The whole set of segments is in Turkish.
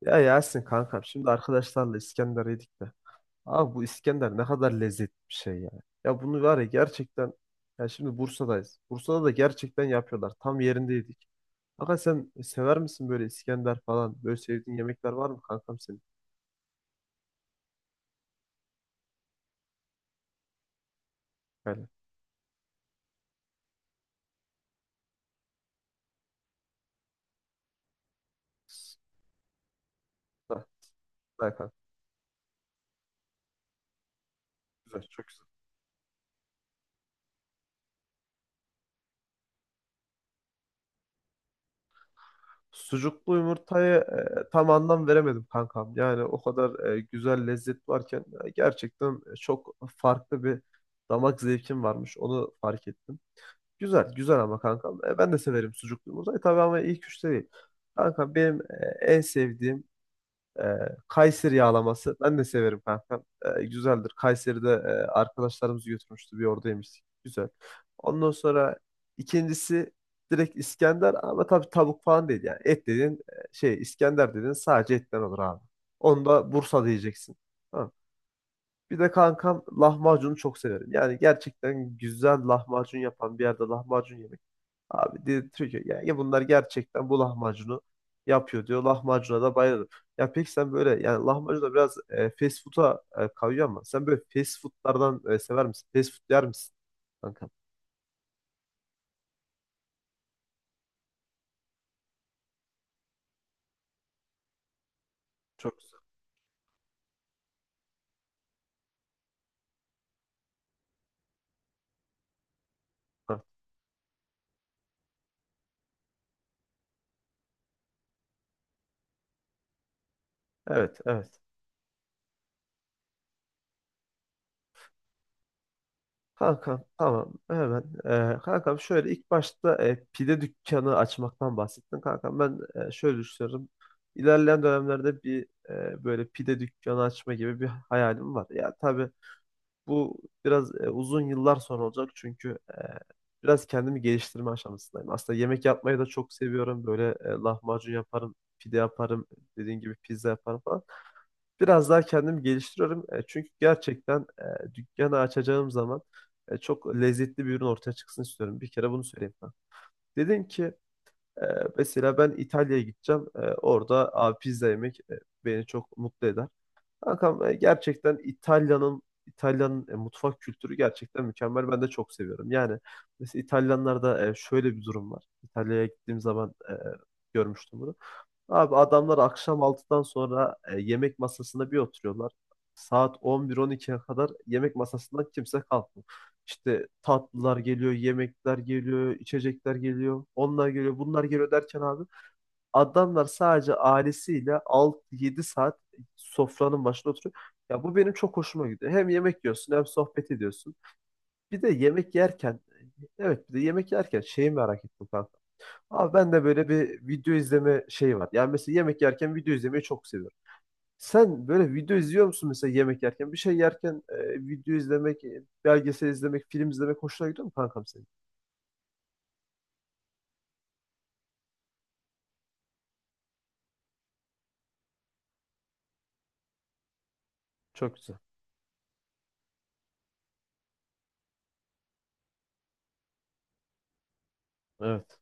Ya Yasin kankam, şimdi arkadaşlarla İskender yedik de. Abi bu İskender ne kadar lezzetli bir şey ya. Ya bunu var ya, gerçekten ya. Şimdi Bursa'dayız. Bursa'da da gerçekten yapıyorlar. Tam yerinde yedik. Kanka, sen sever misin böyle İskender falan? Böyle sevdiğin yemekler var mı kankam senin? Yani. s- Ha. Ha, kanka. Güzel, çok güzel. Sucuklu yumurtayı tam anlam veremedim kankam. Yani o kadar güzel lezzet varken gerçekten çok farklı bir damak zevkim varmış. Onu fark ettim. Güzel, güzel ama kankam. Ben de severim sucuklu yumurtayı tabii, ama ilk üçte değil. Kankam benim en sevdiğim e, Kayseri yağlaması. Ben de severim kankam. Güzeldir. Kayseri'de arkadaşlarımız götürmüştü. Bir orada yemiştik. Güzel. Ondan sonra ikincisi direkt İskender, ama tabii tavuk falan değil yani. Et dediğin, şey, İskender dediğin sadece etten olur abi. Onu da Bursa diyeceksin. Tamam. Bir de kankam, lahmacunu çok severim. Yani gerçekten güzel lahmacun yapan bir yerde lahmacun yemek. Abi dedirtiyor ki ya, ya bunlar gerçekten bu lahmacunu yapıyor, diyor. Lahmacuna da bayılırım. Ya peki sen böyle yani lahmacun da biraz fast food'a kayıyor, ama sen böyle fast food'lardan sever misin? Fast food yer misin kanka? Çok güzel. Ha. Evet, evet. Kankam, tamam hemen. Kankam şöyle, ilk başta pide dükkanı açmaktan bahsettin. Kankam ben şöyle düşünüyorum. İlerleyen dönemlerde bir böyle pide dükkanı açma gibi bir hayalim var. Ya tabii bu biraz uzun yıllar sonra olacak, çünkü biraz kendimi geliştirme aşamasındayım. Aslında yemek yapmayı da çok seviyorum. Böyle lahmacun yaparım, pide yaparım, dediğin gibi pizza yaparım falan. Biraz daha kendimi geliştiriyorum. Çünkü gerçekten dükkanı açacağım zaman çok lezzetli bir ürün ortaya çıksın istiyorum. Bir kere bunu söyleyeyim ben. Dedim ki e, mesela ben İtalya'ya gideceğim. Orada abi pizza yemek beni çok mutlu eder. Kankam gerçekten İtalya'nın mutfak kültürü gerçekten mükemmel. Ben de çok seviyorum. Yani mesela İtalyanlarda şöyle bir durum var. İtalya'ya gittiğim zaman görmüştüm bunu. Abi adamlar akşam 6'dan sonra yemek masasına bir oturuyorlar. Saat 11-12'ye kadar yemek masasından kimse kalkmıyor. İşte tatlılar geliyor, yemekler geliyor, içecekler geliyor, onlar geliyor, bunlar geliyor derken abi adamlar sadece ailesiyle 6 yedi saat sofranın başında oturuyor. Ya bu benim çok hoşuma gidiyor. Hem yemek yiyorsun, hem sohbet ediyorsun. Bir de yemek yerken, evet, bir de yemek yerken şeyi merak ettim kanka. Abi ben de böyle bir video izleme şeyi var. Yani mesela yemek yerken video izlemeyi çok seviyorum. Sen böyle video izliyor musun mesela yemek yerken? Bir şey yerken video izlemek, belgesel izlemek, film izlemek hoşuna gidiyor mu kankam senin? Çok güzel. Evet.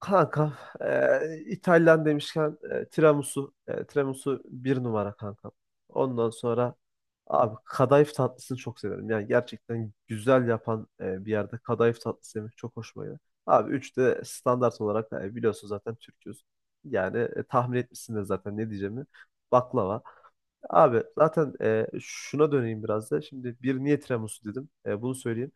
Kankam, İtalyan demişken tiramisu, tiramisu bir numara kankam. Ondan sonra abi kadayıf tatlısını çok severim. Yani gerçekten güzel yapan bir yerde kadayıf tatlısı yemek çok hoşuma gidiyor. Abi üç de standart olarak biliyorsun zaten Türk'üz. Yani tahmin etmişsin de zaten ne diyeceğimi. Baklava. Abi zaten şuna döneyim biraz da. Şimdi bir niye tiramisu dedim. Bunu söyleyeyim.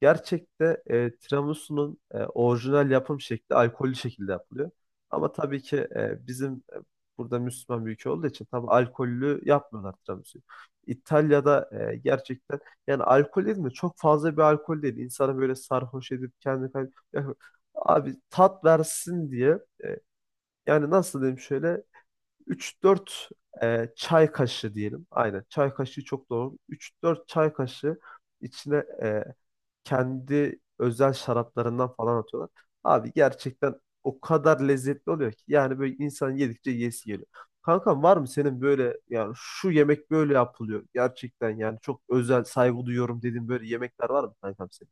Gerçekte tiramisu'nun orijinal yapım şekli alkollü şekilde yapılıyor. Ama tabii ki bizim burada Müslüman bir ülke olduğu için tabii alkollü yapmıyorlar tiramisu'yu. İtalya'da gerçekten yani alkol dedim mi çok fazla bir alkol değil. İnsanı böyle sarhoş edip kendini ya, abi tat versin diye yani nasıl diyeyim, şöyle 3-4 çay kaşığı diyelim. Aynen çay kaşığı çok doğru. 3-4 çay kaşığı içine e, kendi özel şaraplarından falan atıyorlar. Abi gerçekten o kadar lezzetli oluyor ki yani böyle insan yedikçe yesi geliyor. Kankam var mı senin böyle, yani şu yemek böyle yapılıyor gerçekten, yani çok özel, saygı duyuyorum dediğin böyle yemekler var mı kankam senin?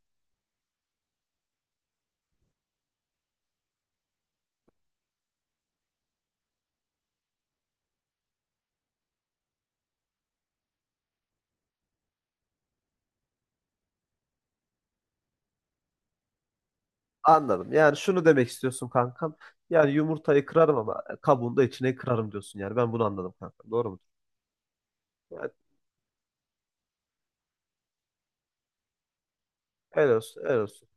Anladım. Yani şunu demek istiyorsun kankam. Yani yumurtayı kırarım ama kabuğunu da içine kırarım diyorsun yani. Ben bunu anladım kankam. Doğru mu? Yani helal olsun, helal olsun.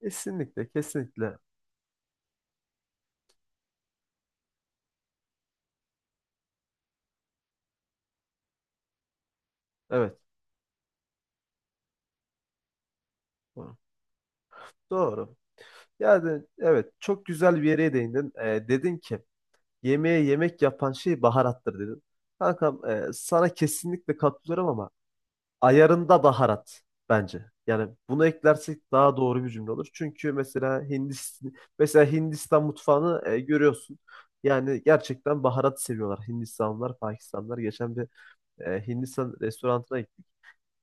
Kesinlikle, kesinlikle. Evet. Doğru. Doğru. Yani evet, çok güzel bir yere değindin. Dedin ki yemeğe yemek yapan şey baharattır dedin. Kankam sana kesinlikle katılıyorum, ama ayarında baharat bence. Yani bunu eklersek daha doğru bir cümle olur. Çünkü mesela Hindistan, mesela Hindistan mutfağını görüyorsun. Yani gerçekten baharat seviyorlar Hindistanlılar, Pakistanlılar. Geçen bir Hindistan restoranına gittik.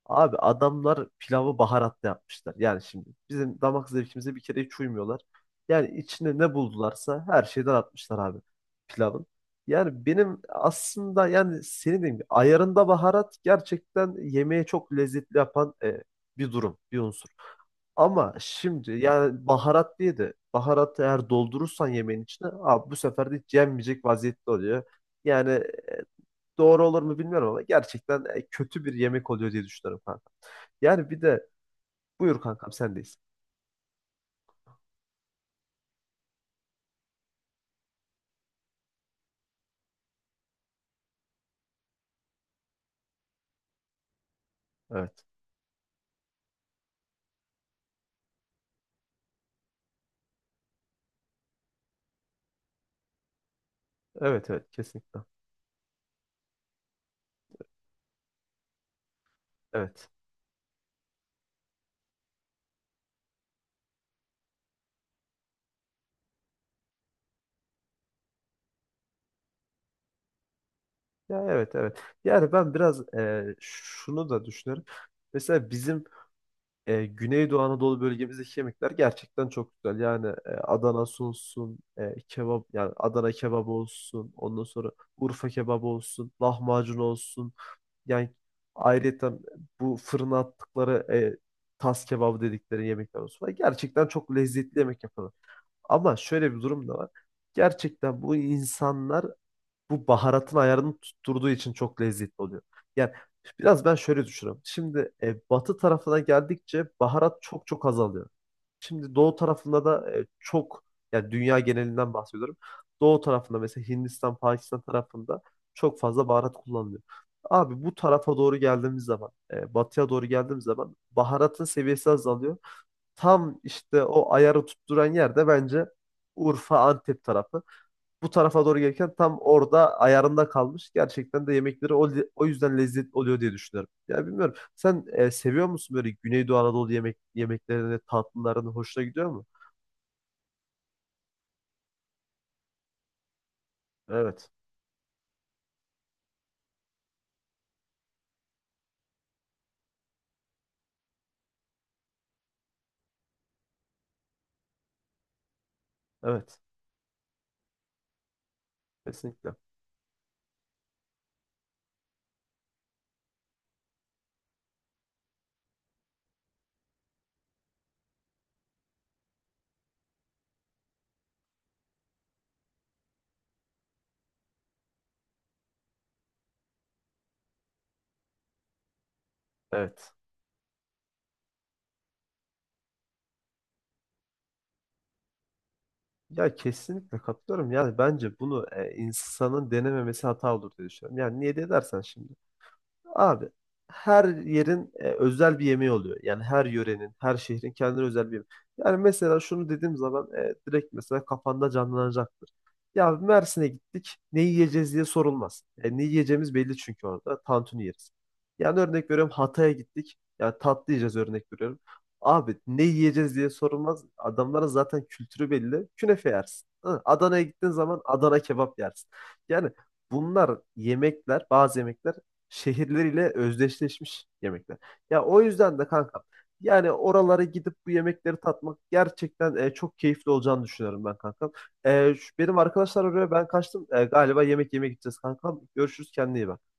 Abi adamlar pilavı baharatla yapmışlar. Yani şimdi bizim damak zevkimize bir kere hiç uymuyorlar. Yani içine ne buldularsa her şeyden atmışlar abi pilavın. Yani benim aslında, yani senin dediğin gibi ayarında baharat gerçekten yemeği çok lezzetli yapan bir durum, bir unsur. Ama şimdi yani baharat diye de baharatı eğer doldurursan yemeğin içine abi bu sefer de hiç yenmeyecek vaziyette oluyor. Yani e, doğru olur mu bilmiyorum, ama gerçekten kötü bir yemek oluyor diye düşünüyorum kanka. Yani bir de buyur kankam, sendeyiz. Evet. Evet, evet, kesinlikle. Evet. Ya evet, evet. Yani ben biraz şunu da düşünüyorum. Mesela bizim Güneydoğu Anadolu bölgemizdeki yemekler gerçekten çok güzel. Yani Adanası olsun, kebap yani Adana kebabı olsun, ondan sonra Urfa kebabı olsun, lahmacun olsun. Yani ayrıca bu fırına attıkları tas kebabı dedikleri yemekler olsun. Gerçekten çok lezzetli yemek yapıyorlar. Ama şöyle bir durum da var. Gerçekten bu insanlar bu baharatın ayarını tutturduğu için çok lezzetli oluyor. Yani biraz ben şöyle düşünüyorum. Şimdi batı tarafına geldikçe baharat çok çok azalıyor. Şimdi doğu tarafında da çok, yani dünya genelinden bahsediyorum. Doğu tarafında mesela Hindistan, Pakistan tarafında çok fazla baharat kullanılıyor. Abi bu tarafa doğru geldiğimiz zaman, batıya doğru geldiğimiz zaman baharatın seviyesi azalıyor. Tam işte o ayarı tutturan yer de bence Urfa, Antep tarafı. Bu tarafa doğru gelirken tam orada ayarında kalmış. Gerçekten de yemekleri o yüzden lezzetli oluyor diye düşünüyorum. Ya bilmiyorum. Sen seviyor musun böyle Güneydoğu Anadolu yemek yemeklerini, tatlılarını hoşuna gidiyor mu? Evet. Evet. Kesinlikle. Evet. Ya kesinlikle katılıyorum. Yani bence bunu insanın denememesi hata olur diye düşünüyorum. Yani niye diye dersen şimdi. Abi her yerin özel bir yemeği oluyor. Yani her yörenin, her şehrin kendine özel bir yemeği. Yani mesela şunu dediğim zaman direkt mesela kafanda canlanacaktır. Ya Mersin'e gittik, ne yiyeceğiz diye sorulmaz. Ne yiyeceğimiz belli çünkü orada. Tantuni yeriz. Yani örnek veriyorum Hatay'a gittik. Yani tatlı yiyeceğiz örnek veriyorum. Abi ne yiyeceğiz diye sorulmaz. Adamların zaten kültürü belli. Künefe yersin. Hı. Adana'ya gittiğin zaman Adana kebap yersin. Yani bunlar yemekler, bazı yemekler şehirleriyle özdeşleşmiş yemekler. Ya o yüzden de kanka, yani oralara gidip bu yemekleri tatmak gerçekten çok keyifli olacağını düşünüyorum ben kankam. Benim arkadaşlar arıyor, ben kaçtım. Galiba yemek yemeye gideceğiz kankam. Görüşürüz, kendine iyi bak.